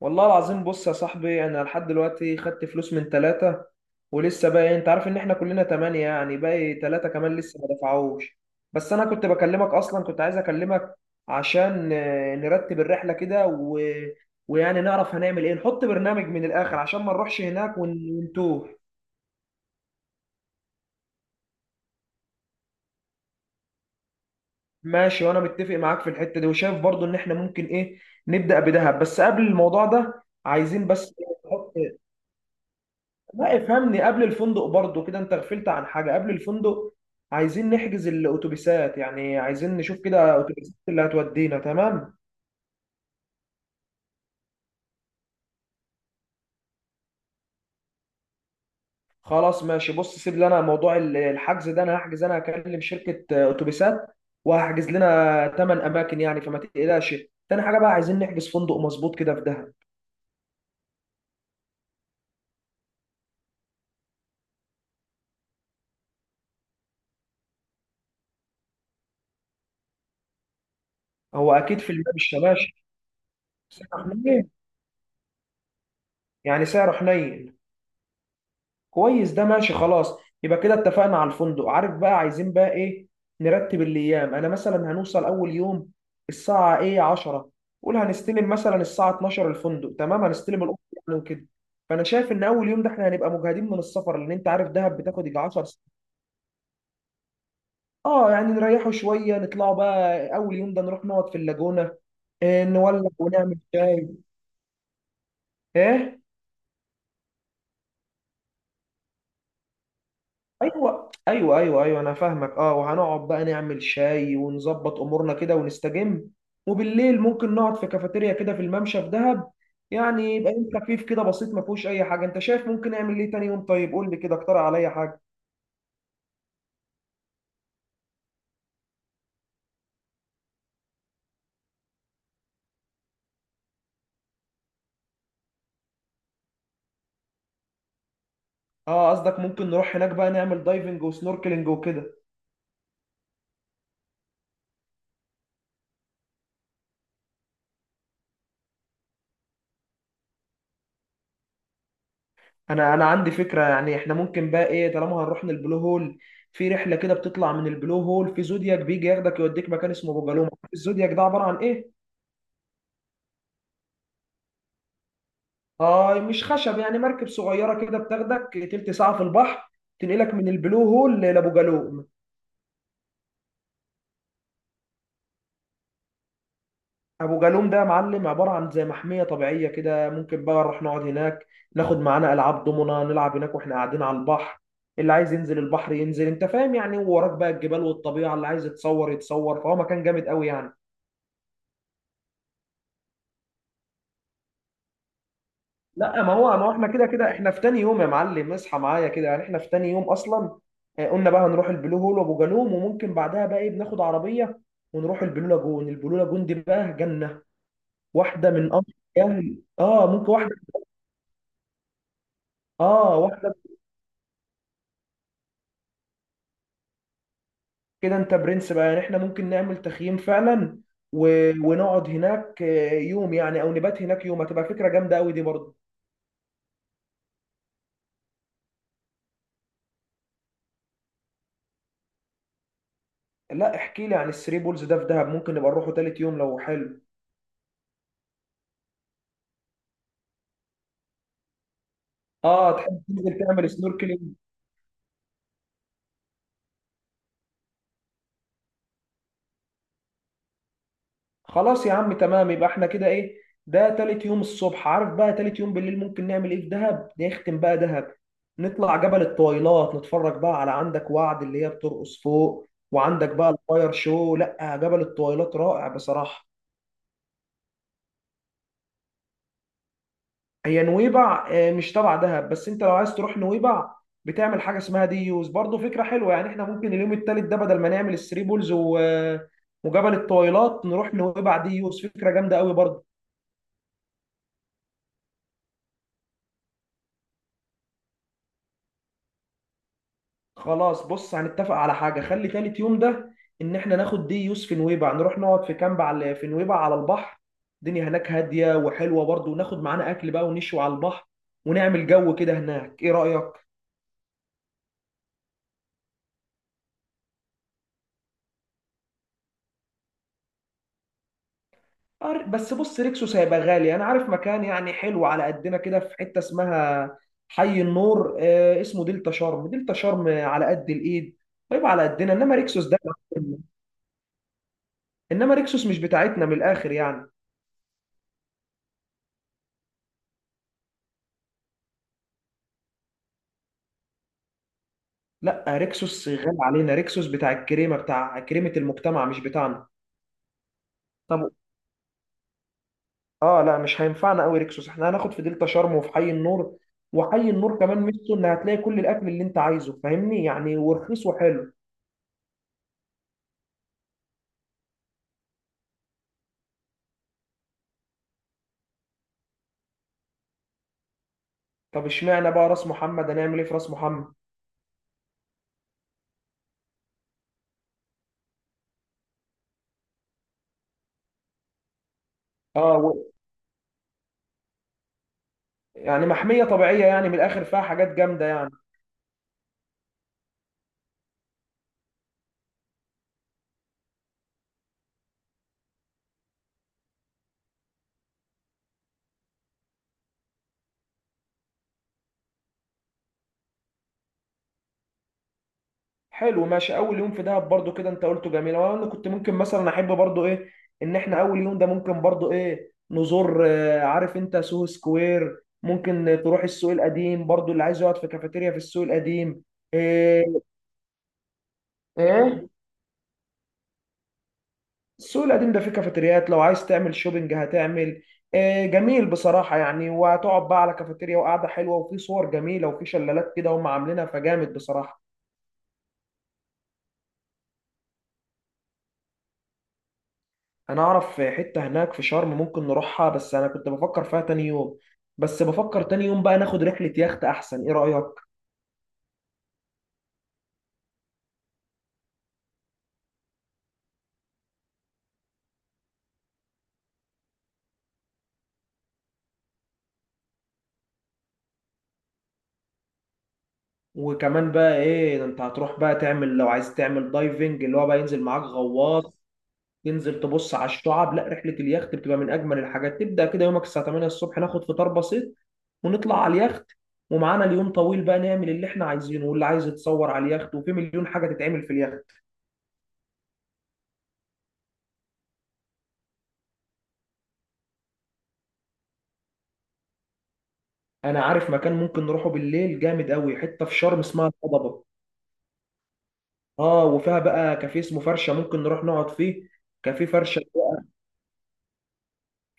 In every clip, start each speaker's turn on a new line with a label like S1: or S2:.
S1: والله العظيم، بص يا صاحبي، انا لحد دلوقتي خدت فلوس من ثلاثة ولسه باقي. انت عارف ان احنا كلنا تمانية، يعني باقي ثلاثة كمان لسه ما دفعوش. بس انا كنت بكلمك، اصلا كنت عايز اكلمك عشان نرتب الرحلة كده و... ويعني نعرف هنعمل ايه، نحط برنامج من الاخر عشان ما نروحش هناك ونتوه. ماشي، وانا متفق معاك في الحتة دي، وشايف برضو ان احنا ممكن ايه، نبدأ بدهب. بس قبل الموضوع ده عايزين بس نحط، لا افهمني قبل الفندق، برضو كده انت غفلت عن حاجة قبل الفندق. عايزين نحجز الاتوبيسات، يعني عايزين نشوف كده اتوبيسات اللي هتودينا. تمام، خلاص ماشي. بص، سيب لنا موضوع الحجز ده، انا هحجز، انا هكلم شركة اتوبيسات وهحجز لنا 8 اماكن يعني، فما تقلقش. تاني حاجة بقى، عايزين نحجز فندق مظبوط كده في دهب. هو اكيد في الماء مش ماشي. سعره حنين، يعني سعره حنين. كويس، ده ماشي خلاص. يبقى كده اتفقنا على الفندق. عارف بقى عايزين بقى ايه؟ نرتب الايام. انا مثلا هنوصل اول يوم الساعه ايه، 10، قول. هنستلم مثلا الساعه 12 الفندق، تمام، هنستلم الاوضه يعني وكده. فانا شايف ان اول يوم ده احنا هنبقى مجهدين من السفر، لان انت عارف دهب بتاخد يجي 10 ساعات. اه، يعني نريحوا شويه، نطلعوا بقى اول يوم ده، نروح نقعد في اللاجونه، إيه، نولع ونعمل شاي. ايه. ايوه ايوه ايوه ايوه، انا فاهمك. اه، وهنقعد بقى نعمل شاي ونظبط امورنا كده ونستجم. وبالليل ممكن نقعد في كافيتيريا كده في الممشى في دهب. يعني يبقى يوم خفيف كده بسيط، ما فيهوش اي حاجه. انت شايف ممكن نعمل ايه تاني يوم؟ طيب قول لي كده، اقترح عليا حاجه. اه، قصدك ممكن نروح هناك بقى نعمل دايفنج وسنوركلينج وكده. انا عندي فكره. يعني احنا ممكن بقى ايه، طالما هنروح للبلو هول، في رحله كده بتطلع من البلو هول في زودياك، بيجي ياخدك يوديك مكان اسمه بوجالوما. الزودياك ده عباره عن ايه؟ اه، مش خشب، يعني مركب صغيره كده بتاخدك تلت ساعه في البحر، تنقلك من البلو هول لابو جالوم. ابو جالوم ده يا معلم عباره عن زي محميه طبيعيه كده. ممكن بقى نروح نقعد هناك، ناخد معانا العاب دومنا، نلعب هناك واحنا قاعدين على البحر. اللي عايز ينزل البحر ينزل، انت فاهم يعني، ووراك بقى الجبال والطبيعه، اللي عايز يتصور يتصور. فهو مكان جامد قوي يعني. لا، ما هو احنا كده كده احنا في تاني يوم يا معلم. اصحى معايا كده، يعني احنا في تاني يوم اصلا. قلنا بقى هنروح البلو هول وابو جالوم. وممكن بعدها بقى ايه، بناخد عربيه ونروح البلو لاجون. البلو لاجون دي بقى جنه، واحده من امر. يعني اه، ممكن واحده. اه، واحده. كده انت برنس بقى، يعني احنا ممكن نعمل تخييم فعلا و... ونقعد هناك يوم يعني، او نبات هناك يوم. هتبقى فكره جامده قوي دي برضه. لا، احكي لي عن الثري بولز ده. في دهب ممكن نبقى نروحه تالت يوم لو حلو. اه، تحب تنزل تعمل سنوركلينج. خلاص يا عم، تمام. يبقى احنا كده ايه، ده تالت يوم الصبح. عارف بقى تالت يوم بالليل ممكن نعمل ايه في دهب؟ نختم بقى دهب، نطلع جبل الطويلات، نتفرج بقى على عندك وعد اللي هي بترقص فوق، وعندك بقى الفاير شو. لا، جبل الطويلات رائع بصراحة. هي نويبع مش تبع دهب، بس انت لو عايز تروح نويبع، بتعمل حاجة اسمها دي يوز، برضه فكرة حلوة. يعني احنا ممكن اليوم التالت ده، بدل ما نعمل الثري بولز وجبل الطويلات، نروح نويبع دي يوز، فكرة جامدة قوي برضه. خلاص بص، هنتفق على حاجة. خلي تالت يوم ده إن إحنا ناخد دي يوسف في نويبع، نروح نقعد في كامب على في نويبع على البحر. الدنيا هناك هادية وحلوة برضه، وناخد معانا أكل بقى ونشوي على البحر، ونعمل جو كده هناك. إيه رأيك؟ بس بص، ريكسوس هيبقى غالي. أنا عارف مكان يعني حلو على قدنا، كده في حتة اسمها حي النور، آه، اسمه دلتا شرم. دلتا شرم على قد الإيد، طيب على قدنا، إنما ريكسوس ده، إنما ريكسوس مش بتاعتنا من الآخر يعني. لا، ريكسوس غالي علينا. ريكسوس بتاع الكريمه، بتاع كريمه المجتمع، مش بتاعنا. طب، اه، لا، مش هينفعنا قوي ريكسوس. احنا هناخد في دلتا شرم وفي حي النور. وحي النور كمان ميزته ان هتلاقي كل الاكل اللي انت عايزه، فاهمني، يعني ورخيص وحلو. طب اشمعنى بقى راس محمد؟ هنعمل ايه في راس محمد؟ اه و... يعني محميه طبيعيه يعني، من الاخر فيها حاجات جامده يعني. حلو، ماشي. اول يوم في دهب برضو كده انت قلته جميل، وانا كنت ممكن مثلا احب برضو ايه، ان احنا اول يوم ده ممكن برضو ايه، نزور عارف انت سوهو سكوير. ممكن تروح السوق القديم برضو، اللي عايز يقعد في كافيتيريا في السوق القديم. ايه. ايه. السوق القديم ده فيه كافيتريات، لو عايز تعمل شوبينج هتعمل، إيه، جميل بصراحة. يعني وهتقعد بقى على كافيتيريا، وقعدة حلوة، وفي صور جميلة، وفي شلالات كده هم عاملينها، فجامد بصراحة. انا اعرف حتة هناك في شرم ممكن نروحها، بس انا كنت بفكر فيها تاني يوم. بس بفكر تاني يوم بقى ناخد رحلة يخت احسن. ايه رأيك؟ وكمان بقى ايه، ده انت هتروح بقى تعمل، لو عايز تعمل دايفنج اللي هو بقى ينزل معاك غواص، تنزل تبص على الشعاب. لا، رحلة اليخت بتبقى من اجمل الحاجات. تبدأ كده يومك الساعة 8 الصبح، ناخد فطار بسيط ونطلع على اليخت، ومعانا اليوم طويل بقى، نعمل اللي احنا عايزينه، واللي عايز يتصور على اليخت، وفي مليون حاجة تتعمل في اليخت. انا عارف مكان ممكن نروحه بالليل جامد قوي، حتة في شرم اسمها الهضبة. اه، وفيها بقى كافيه اسمه فرشه، ممكن نروح نقعد فيه. كافيه فرشه.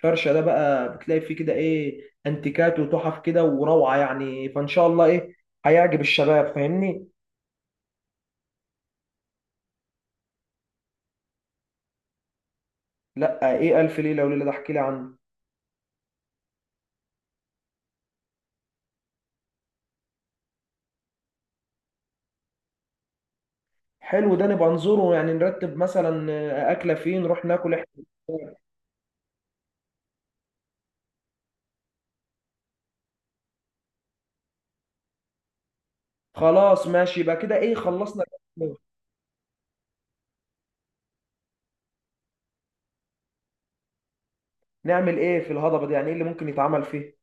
S1: فرشه ده بقى بتلاقي فيه كده ايه، انتيكات وتحف كده وروعه يعني. فان شاء الله ايه، هيعجب الشباب فاهمني. لا ايه الف ليله وليله ده؟ احكي لي عنه. حلو ده، نبقى نزوره. يعني نرتب مثلا اكله فين، نروح ناكل احنا. خلاص ماشي، يبقى كده ايه، خلصنا. نعمل ايه في الهضبه دي؟ يعني ايه اللي ممكن يتعمل فيه؟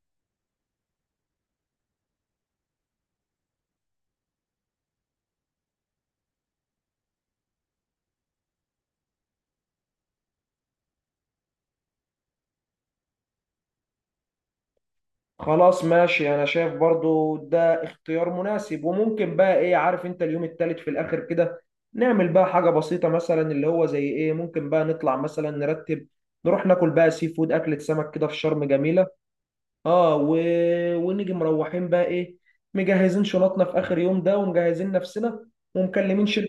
S1: خلاص ماشي، انا شايف برضو ده اختيار مناسب. وممكن بقى ايه، عارف انت، اليوم التالت في الاخر كده، نعمل بقى حاجة بسيطة مثلا، اللي هو زي ايه، ممكن بقى نطلع مثلا نرتب، نروح ناكل بقى سي فود، اكلة سمك كده في شرم جميلة. اه و... ونيجي مروحين بقى ايه، مجهزين شنطنا في اخر يوم ده، ومجهزين نفسنا، ومكلمين شركه.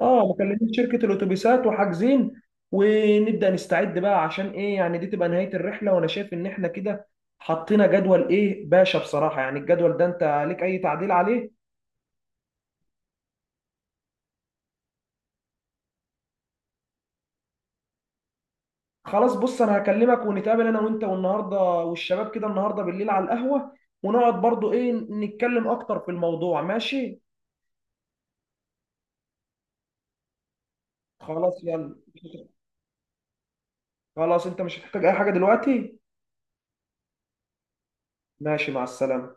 S1: اه، مكلمين شركه الاتوبيسات وحاجزين، ونبدا نستعد بقى عشان ايه، يعني دي تبقى نهايه الرحله. وانا شايف ان احنا كده حطينا جدول ايه باشا بصراحه. يعني الجدول ده انت ليك اي تعديل عليه؟ خلاص بص، انا هكلمك ونتقابل، انا وانت والنهارده والشباب كده النهارده بالليل على القهوه، ونقعد برضو ايه، نتكلم اكتر في الموضوع. ماشي. خلاص، يلا. خلاص، انت مش هتحتاج اي حاجة دلوقتي. ماشي، مع السلامة.